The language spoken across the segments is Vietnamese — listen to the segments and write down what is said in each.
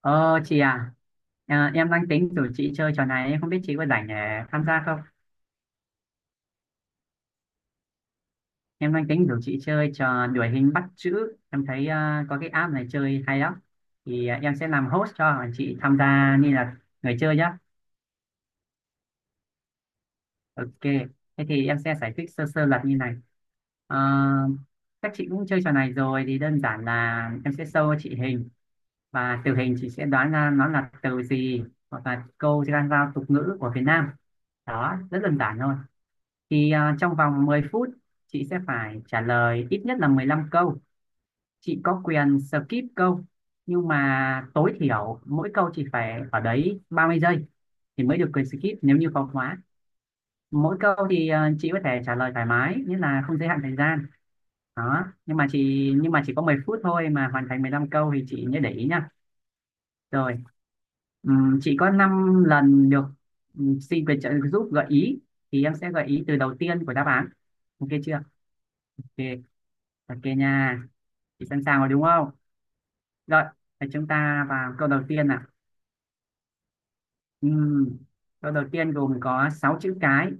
Ờ chị à, em đang tính rủ chị chơi trò này, em không biết chị có rảnh để tham gia không? Em đang tính rủ chị chơi trò đuổi hình bắt chữ, em thấy có cái app này chơi hay lắm, em sẽ làm host cho chị tham gia như là người chơi nhá. Ok, thế thì em sẽ giải thích sơ sơ luật như này. Ờ, các chị cũng chơi trò này rồi thì đơn giản là em sẽ show chị hình và từ hình chị sẽ đoán ra nó là từ gì hoặc là câu dân gian tục ngữ của Việt Nam đó, rất đơn giản thôi. Trong vòng 10 phút chị sẽ phải trả lời ít nhất là 15 câu. Chị có quyền skip câu, nhưng mà tối thiểu mỗi câu chị phải ở đấy 30 giây thì mới được quyền skip, nếu như có khóa. Mỗi câu thì chị có thể trả lời thoải mái, nghĩa là không giới hạn thời gian đó, nhưng mà chỉ có 10 phút thôi mà hoàn thành 15 câu thì chị nhớ để ý nha. Rồi, chị có 5 lần được xin về trợ giúp gợi ý thì em sẽ gợi ý từ đầu tiên của đáp án. Ok chưa? Ok. Ok nha, chị sẵn sàng rồi đúng không? Rồi thì chúng ta vào câu đầu tiên nào. Ừm, câu đầu tiên gồm có 6 chữ cái.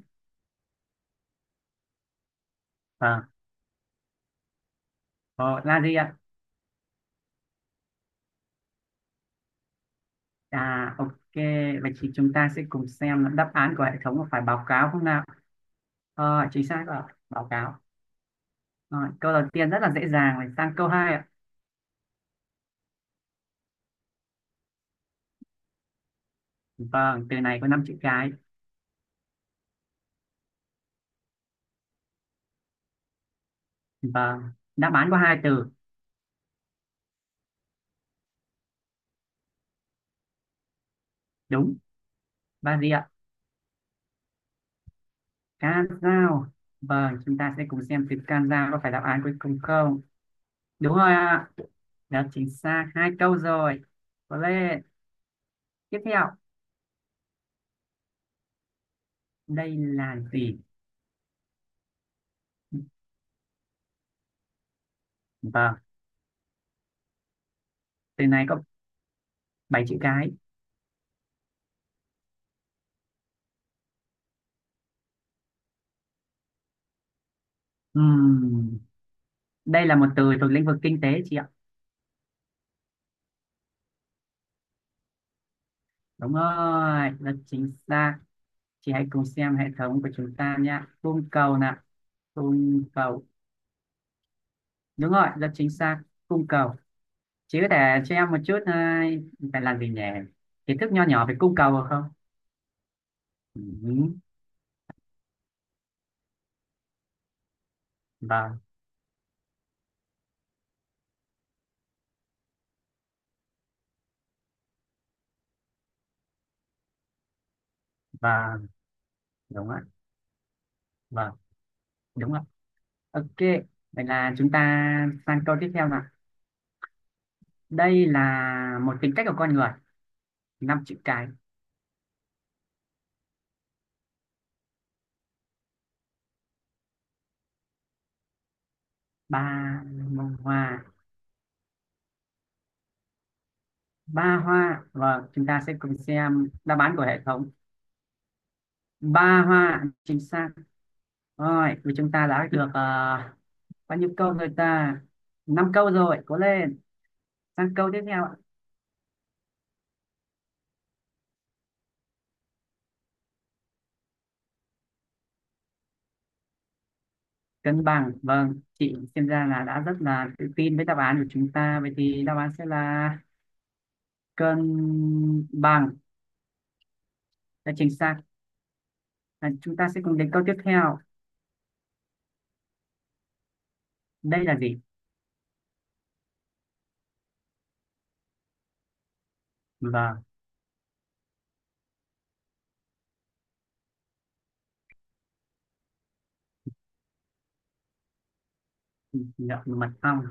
ờ ờ, là gì ạ? À ok, vậy thì chúng ta sẽ cùng xem đáp án của hệ thống có phải báo cáo không nào. Ờ, chính xác rồi, báo cáo. Rồi, câu đầu tiên rất là dễ dàng rồi, sang câu hai ạ. Vâng, từ này có năm chữ cái. Vâng, đáp án có hai từ. Đúng, ba gì ạ? Can dao. Vâng, chúng ta sẽ cùng xem từ can dao có phải đáp án cuối cùng không. Đúng rồi ạ. Đó, chính xác hai câu rồi. Có lên. Tiếp theo, đây là gì? Vâng, từ này có 7 chữ cái. Ừm, đây là một từ thuộc lĩnh vực kinh tế chị ạ. Đúng rồi, rất chính xác. Chị hãy cùng xem hệ thống của chúng ta nhé. Cung cầu nè, cung cầu. Đúng rồi, rất chính xác, cung cầu. Chị có thể cho em một chút phải làm gì nhỉ? Kiến thức nho nhỏ về cung cầu được không? Ừ, vâng, vâng, đúng ạ, vâng, đúng ạ. Ok, vậy là chúng ta sang câu tiếp theo nào. Đây là một tính cách của con người, năm chữ cái, ba mông hoa, ba hoa. Vâng, chúng ta sẽ cùng xem đáp án của hệ thống. Ba hoa, chính xác. Rồi thì chúng ta đã được bao nhiêu câu rồi ta? Năm câu rồi, cố lên, sang câu tiếp theo ạ. Cân bằng, vâng, chị xem ra là đã rất là tự tin với đáp án của chúng ta, vậy thì đáp án sẽ là cân bằng, là chính xác, và chúng ta sẽ cùng đến câu tiếp theo. Đây là gì? Vâng, ngậm mật ong.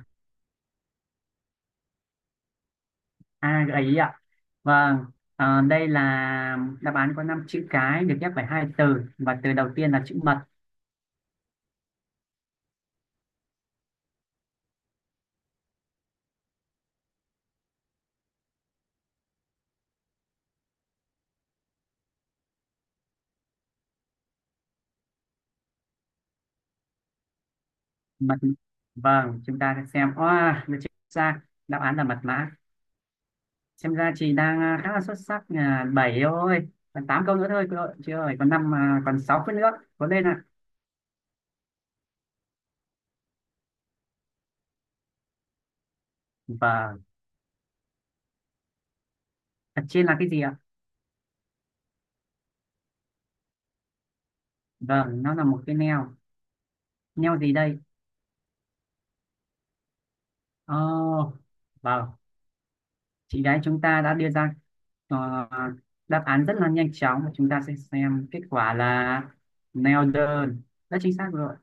À, gợi ý ạ? Vâng, đây là đáp án có năm chữ cái được ghép bởi hai từ, và từ đầu tiên là chữ mật. Mật, vâng, chúng ta sẽ xem oa được chính xác. Đáp án là mật mã. Xem ra chị đang khá là xuất sắc, bảy thôi, còn tám câu nữa thôi, chị ơi, còn năm còn sáu phút nữa, có lên ạ. Vâng, thật trên là cái gì ạ? Vâng, nó là một cái neo. Neo gì đây? Oh, vâng, chị gái chúng ta đã đưa ra ờ, đáp án rất là nhanh chóng, và chúng ta sẽ xem kết quả là neo đơn. Rất chính xác rồi,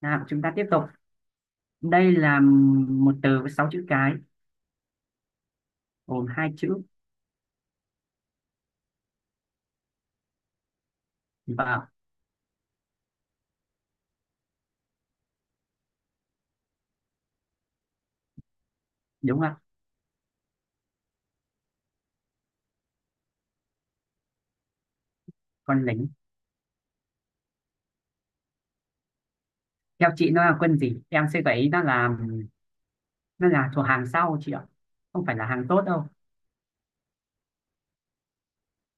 nào chúng ta tiếp tục. Đây là một từ với sáu chữ cái, gồm hai chữ. Vợ đúng không ạ? Còn lính, theo chị nó là quân gì, em sẽ gợi ý, nó là thuộc hàng sau chị ạ, không phải là hàng tốt đâu.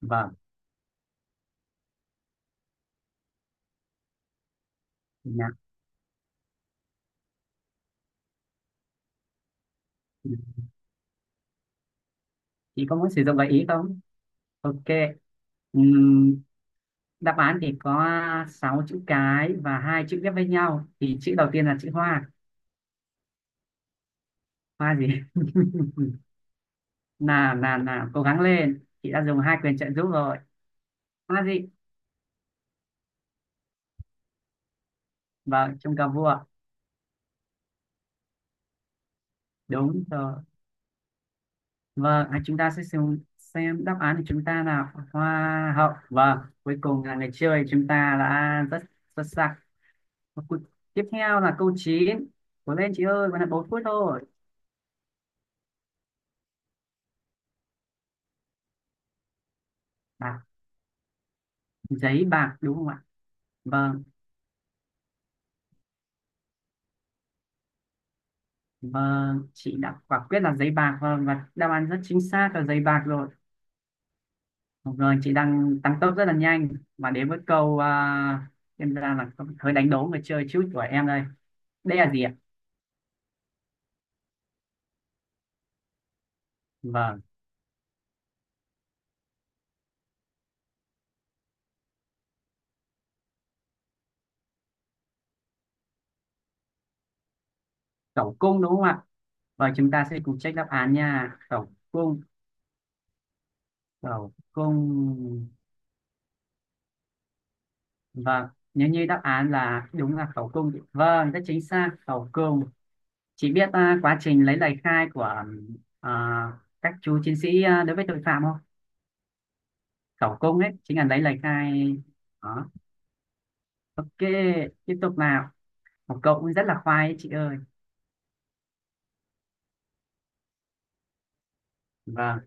Vâng. Dạ. Chị có muốn sử dụng gợi ý không? Ok. Ừm, đáp án thì có 6 chữ cái và hai chữ ghép với nhau, thì chữ đầu tiên là chữ hoa. Hoa gì? Nào nào nào, cố gắng lên, chị đã dùng hai quyền trợ giúp rồi. Hoa gì? Vâng, chung cà vua. Đúng rồi. Vâng, chúng ta sẽ xem đáp án của chúng ta là hoa hậu. Vâng, cuối cùng là người chơi chúng ta đã rất xuất sắc. Và tiếp theo là câu chín. Cố lên chị ơi, còn là 4 phút thôi. À, giấy bạc đúng không ạ? Vâng, vâng, chị đã quả quyết là giấy bạc, vâng, và đáp án rất chính xác là giấy bạc rồi. Rồi, chị đang tăng tốc rất là nhanh và đến với câu em ra là hơi đánh đố người chơi chút của em đây. Đây là gì ạ? Vâng. Cẩu cung đúng không ạ? Và chúng ta sẽ cùng check đáp án nha. Cẩu cung, cẩu cung. Vâng, nếu như đáp án là đúng là cẩu cung. Vâng, rất chính xác, cẩu cung. Chị biết quá trình lấy lời khai của à, các chú chiến sĩ đối với tội phạm không? Cẩu cung ấy, chính là lấy lời khai. Đó. Ok, tiếp tục nào. Một cậu cũng rất là khoai ấy, chị ơi. Vâng,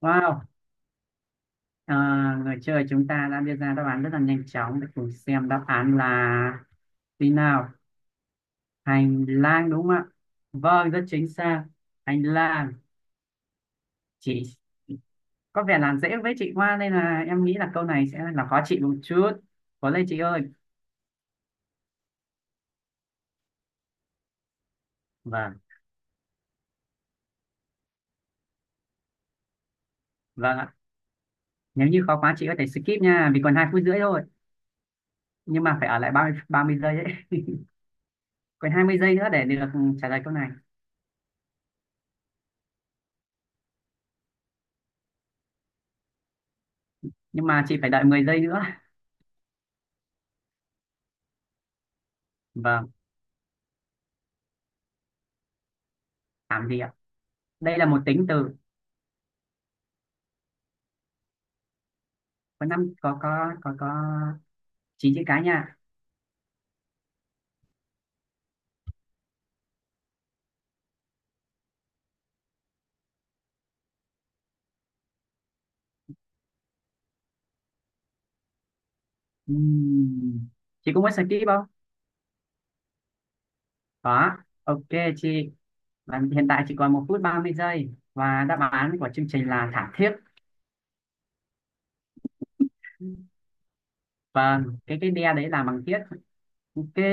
wow. À, người chơi chúng ta đã đưa ra đáp án rất là nhanh chóng, để cùng xem đáp án là gì nào. Hành lang đúng không ạ? Vâng, rất chính xác, hành lang. Chị có vẻ làm dễ với chị Hoa nên là em nghĩ là câu này sẽ là khó chị một chút. Cố lên chị ơi. Vâng, vâng ạ. Nếu như khó quá chị có thể skip nha, vì còn hai phút rưỡi thôi, nhưng mà phải ở lại ba mươi giây ấy. Còn 20 giây nữa để được trả lời câu này. Nhưng mà chị phải đợi 10 giây nữa. Vâng, làm gì ạ? Đây là một tính từ, có năm có chín chữ cái nha. Ừm, chị cũng muốn skip không? Có, ok chị. Và hiện tại chỉ còn một phút 30 giây, và đáp án của chương trình là thảm thiết. Vâng, cái đe đấy là bằng thiết. Ok.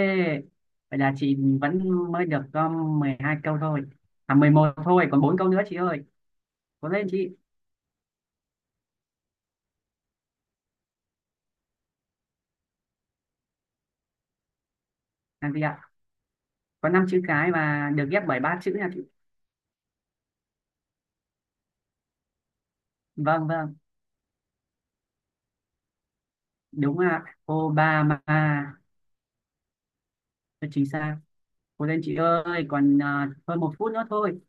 Vậy là chị vẫn mới được có 12 câu thôi. À, 11 thôi, còn 4 câu nữa chị ơi. Cố lên chị. Làm gì ạ? Có 5 chữ cái và được ghép bởi 3 chữ nha chị. Vâng, vâng, đúng ạ. Obama. Rất chính xác. Cố lên chị ơi, còn hơn một phút nữa thôi.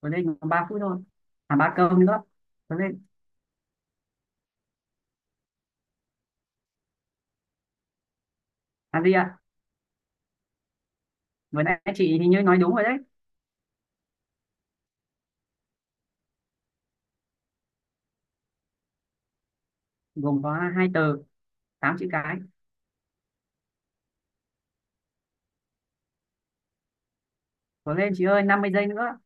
Cố lên, còn 3 phút thôi. À, 3 câu nữa. Cố lên. Làm gì ạ? Vừa nãy chị thì như nói đúng rồi đấy. Gồm có hai từ, tám chữ cái. Cố lên chị ơi, 50 giây nữa.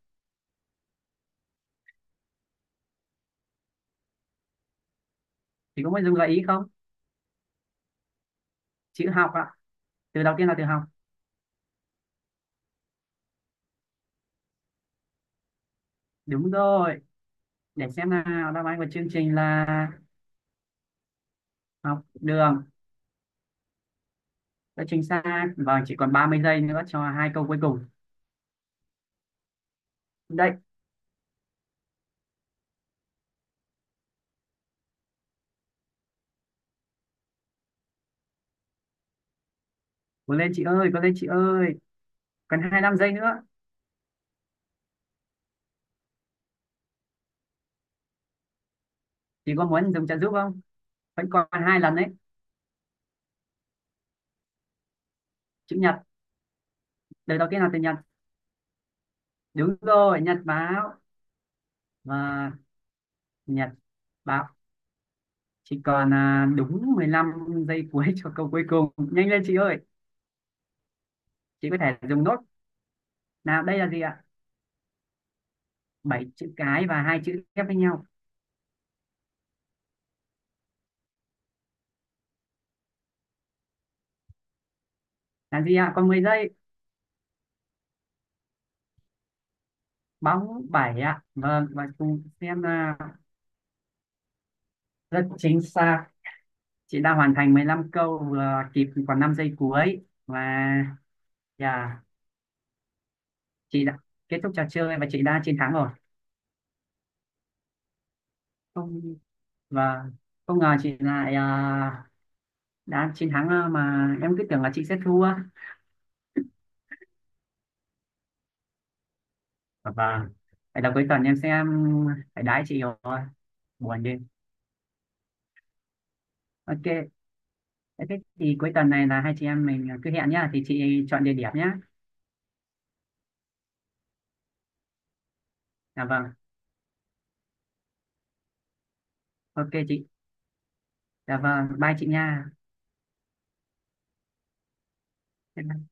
Chị có muốn dùng gợi ý không? Chữ học ạ, từ đầu tiên là từ học. Đúng rồi, để xem nào, đáp án của chương trình là học đường, đã chính xác. Vâng, chỉ còn 30 giây nữa cho hai câu cuối cùng. Đây. Cố lên chị ơi, cố lên chị ơi, còn 25 giây nữa. Chị có muốn dùng trợ giúp không? Vẫn còn hai lần đấy. Chữ nhật, từ đầu tiên là từ nhật. Đúng rồi, nhật báo. Và nhật báo. Chỉ còn đúng 15 giây cuối cho câu cuối cùng. Nhanh lên chị ơi, chị có thể dùng nốt. Nào, đây là gì ạ? Bảy chữ cái và hai chữ ghép với nhau. Là gì ạ? Còn 10 giây. Bóng bảy ạ. Vâng, và cùng xem là rất chính xác. Chị đã hoàn thành 15 câu vừa kịp, còn 5 giây cuối. Và yeah, chị đã kết thúc trò chơi và chị đã chiến thắng rồi. Không, và không ngờ chị lại đã chiến thắng, mà em cứ tưởng là chị sẽ thua. Và vậy là cuối tuần em sẽ phải đái chị rồi, buồn đi. Ok, thế thế thì cuối tuần này là hai chị em mình cứ hẹn nhá, thì chị chọn địa điểm nhá. Dạ vâng. Ok chị. Dạ vâng, bye chị nha. Bye bye.